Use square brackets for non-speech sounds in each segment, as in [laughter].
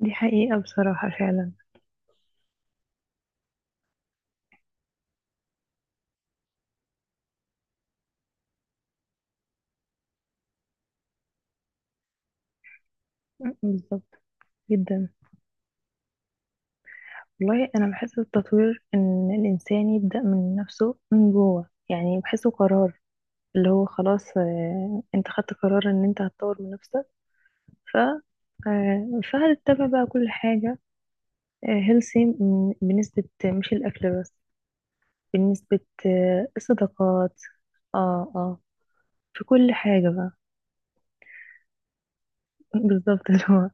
دي حقيقة بصراحة فعلا. بالظبط جدا. والله أنا بحس التطوير إن الإنسان يبدأ من نفسه من جوه، يعني بحسه قرار اللي هو خلاص، أنت خدت قرار إن أنت هتطور من نفسك. ف آه، فهتتبع بقى كل حاجة هيلثي، بنسبة مش الأكل بس، بنسبة الصداقات. اه، اه، في كل حاجة بقى. [laughs] بالظبط، اللي هو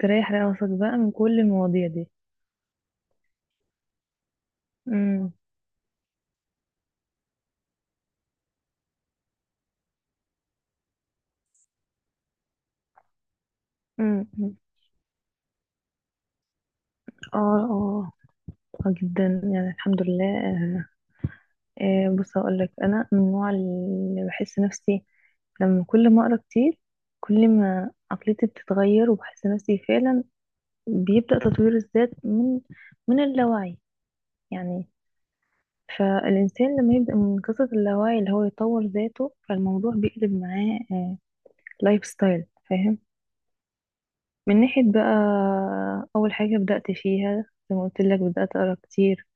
تريح راسك بقى من كل المواضيع دي. امم. اه، اه، آه جدا يعني، الحمد لله. آه بص اقول لك، انا من النوع اللي بحس نفسي لما كل ما اقرا كتير، كل ما عقليتي بتتغير، وبحس نفسي فعلا بيبدأ تطوير الذات من اللاوعي يعني. فالإنسان لما يبدأ من قصة اللاوعي اللي هو يطور ذاته، فالموضوع بيقلب معاه لايف ستايل، فاهم؟ من ناحية بقى، أول حاجة بدأت فيها زي ما قلت لك، بدأت أقرأ كتير،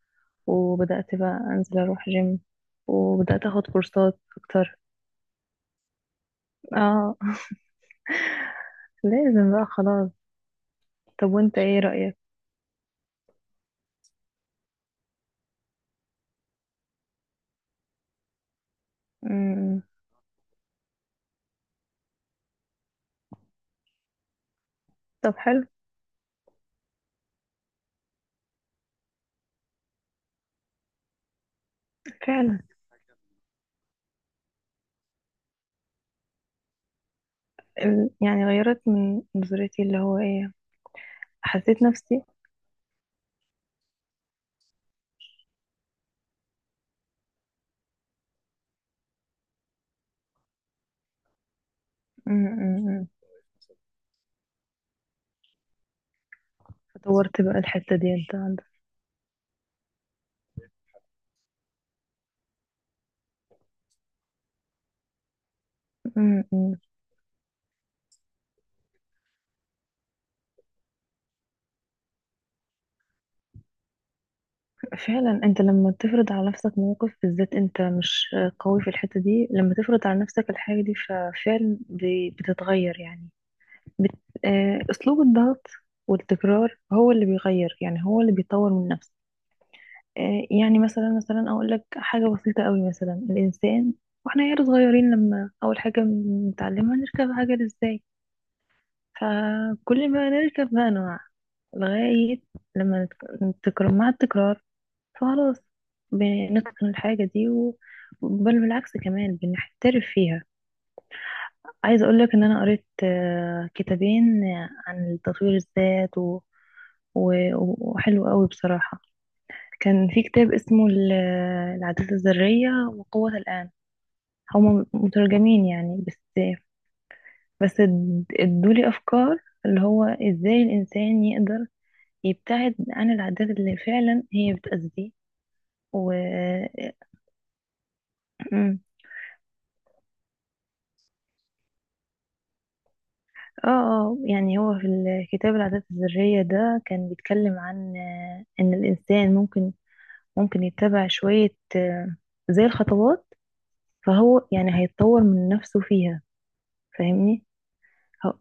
وبدأت بقى أنزل أروح جيم، وبدأت أخد كورسات أكتر. اه لازم بقى خلاص. طب وانت ايه رأيك؟ مم. طب، حلو. فعلا يعني غيرت من نظرتي اللي هو ايه. حسيت نفسي امم طورت بقى الحتة دي انت عندك. امم. فعلا، انت لما تفرض على نفسك موقف بالذات انت مش قوي في الحتة دي، لما تفرض على نفسك الحاجة دي ففعلا بتتغير يعني. بت... أسلوب الضغط والتكرار هو اللي بيغير، يعني هو اللي بيطور من نفسه. يعني مثلا، أقول لك حاجة بسيطة قوي. مثلا الإنسان وإحنا عيال صغيرين، لما أول حاجة بنتعلمها نركب عجل إزاي، فكل ما نركب بقى نوع لغاية لما نتكرر، مع التكرار فخلاص بنتقن الحاجة دي و... بل بالعكس كمان بنحترف فيها. عايزة أقولك إن أنا قريت كتابين عن تطوير الذات و... و... وحلو قوي بصراحة. كان في كتاب اسمه العادات الذرية وقوة الآن. هما مترجمين يعني، بس بس ادولي أفكار اللي هو إزاي الإنسان يقدر يبتعد عن العادات اللي فعلا هي بتأذيه. و... [clears throat] اه، اه، يعني هو في الكتاب العادات الذرية ده كان بيتكلم عن إن الإنسان ممكن، يتبع شوية زي الخطوات، فهو يعني هيتطور من نفسه فيها، فاهمني؟ هو-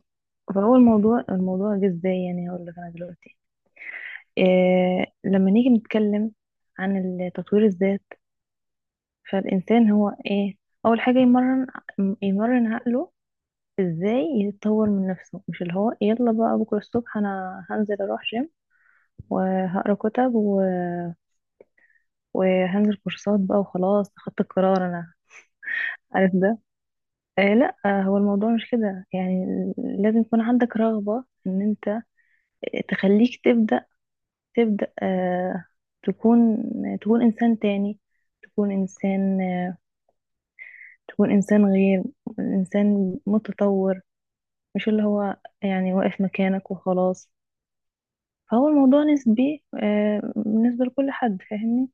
فهو الموضوع، جه ازاي؟ يعني هقول لك انا دلوقتي إيه. لما نيجي نتكلم عن تطوير الذات، فالإنسان هو ايه؟ أول حاجة يمرن، عقله ازاي يتطور من نفسه. مش اللي هو يلا بقى بكرة الصبح انا هنزل اروح جيم، وهقرا كتب و... وهنزل كورسات بقى، وخلاص خدت القرار، انا عارف ده. آه لا، هو الموضوع مش كده يعني. لازم يكون عندك رغبة ان انت تخليك تبدأ، تبدأ آه تكون تكون انسان تاني، تكون انسان، تكون انسان غير، انسان متطور. مش اللي هو يعني واقف مكانك وخلاص. فهو الموضوع نسبي بالنسبة لكل حد، فاهمني؟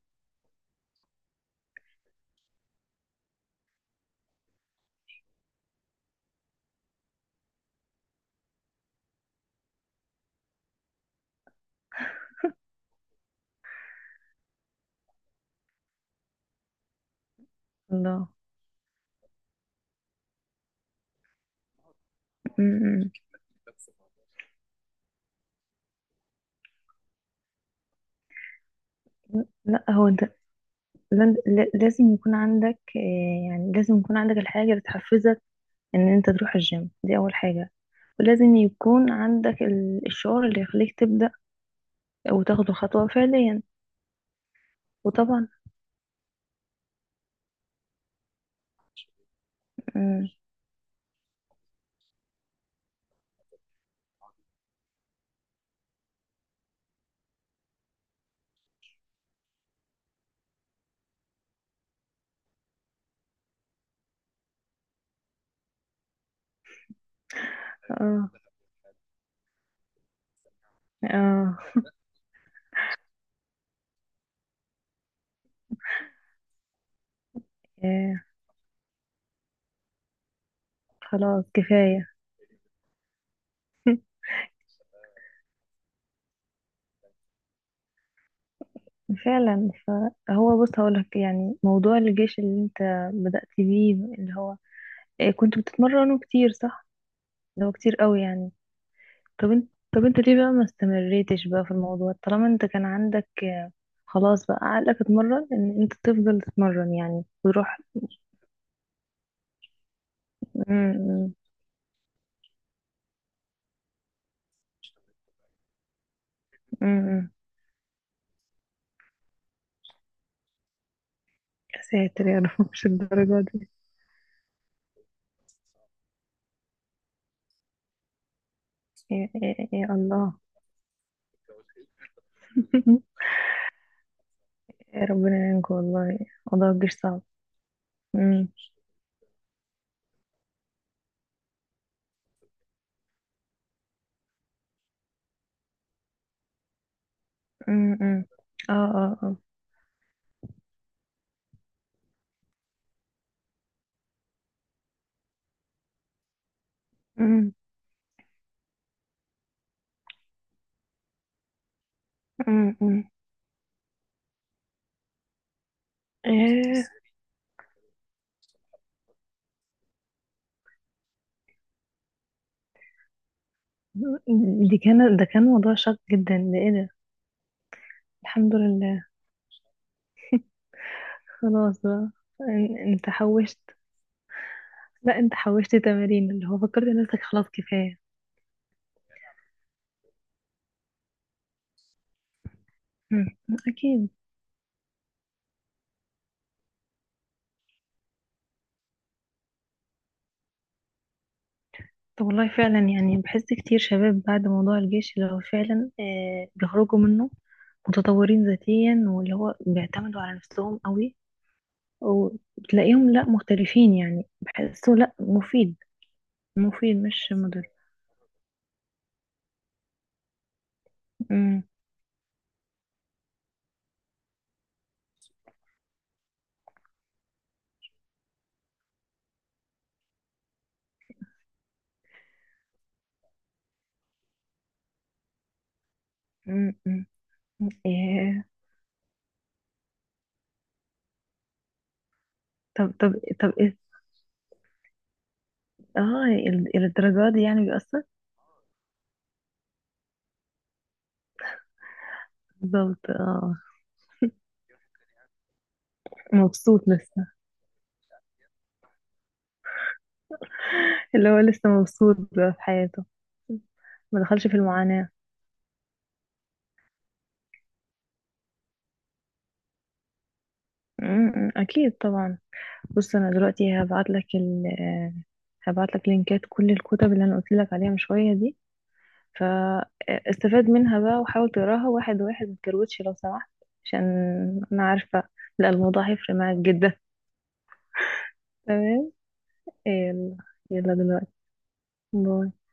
الله. م- م. لا هو انت، لازم يكون عندك، يعني لازم يكون عندك الحاجة اللي تحفزك ان انت تروح الجيم، دي اول حاجة. ولازم يكون عندك الشعور اللي يخليك تبدأ وتاخد الخطوة فعليا. وطبعا. مم. اه، اه، آه، خلاص كفاية. فعلا. فهو بص هقولك، يعني موضوع الجيش اللي انت بدأت بيه اللي هو كنت بتتمرنه كتير، صح؟ اللي هو كتير قوي يعني. طب انت ليه بقى ما استمريتش بقى في الموضوع؟ طالما انت كان عندك خلاص بقى عقلك اتمرن ان انت تفضل تتمرن يعني وتروح. أمم. يا ساتر يا رب، مش الدرجة دي. يا الله. [laughs] يا ربنا يعينكم والله. موضوع الجيش صعب. أمم. أمم. اه، اه، اه. أمم. أمم. إيه. دي كان ده كان موضوع شاق جدا ده، ايه ده؟ الحمد لله. خلاص بقى. انت حوشت، لا انت حوشت تمارين، اللي هو فكرت نفسك خلاص كفاية. أمم. اكيد. طب والله فعلا يعني بحس كتير شباب بعد موضوع الجيش اللي هو فعلا بيخرجوا منه متطورين ذاتيا، واللي هو بيعتمدوا على نفسهم قوي، وتلاقيهم لا مختلفين يعني، بحسه لا مفيد، مفيد مش مضر. أمم. أمم. أمم. إيه. طب طب طب إيه. اه الدرجات دي يعني بيأثر. بالظبط اه. مبسوط لسه، اللي هو لسه مبسوط بقى في حياته، ما دخلش في المعاناة. أمم، أكيد طبعا. بص انا دلوقتي هبعت لك ال آه، هبعت لك لينكات كل الكتب اللي انا قلت لك عليها من شويه دي، فاستفاد منها بقى وحاول تقراها واحد واحد، ما تكروتش لو سمحت. عشان انا عارفه، لا الموضوع هيفرق معاك جدا. تمام. يلا. يلا دلوقتي، باي.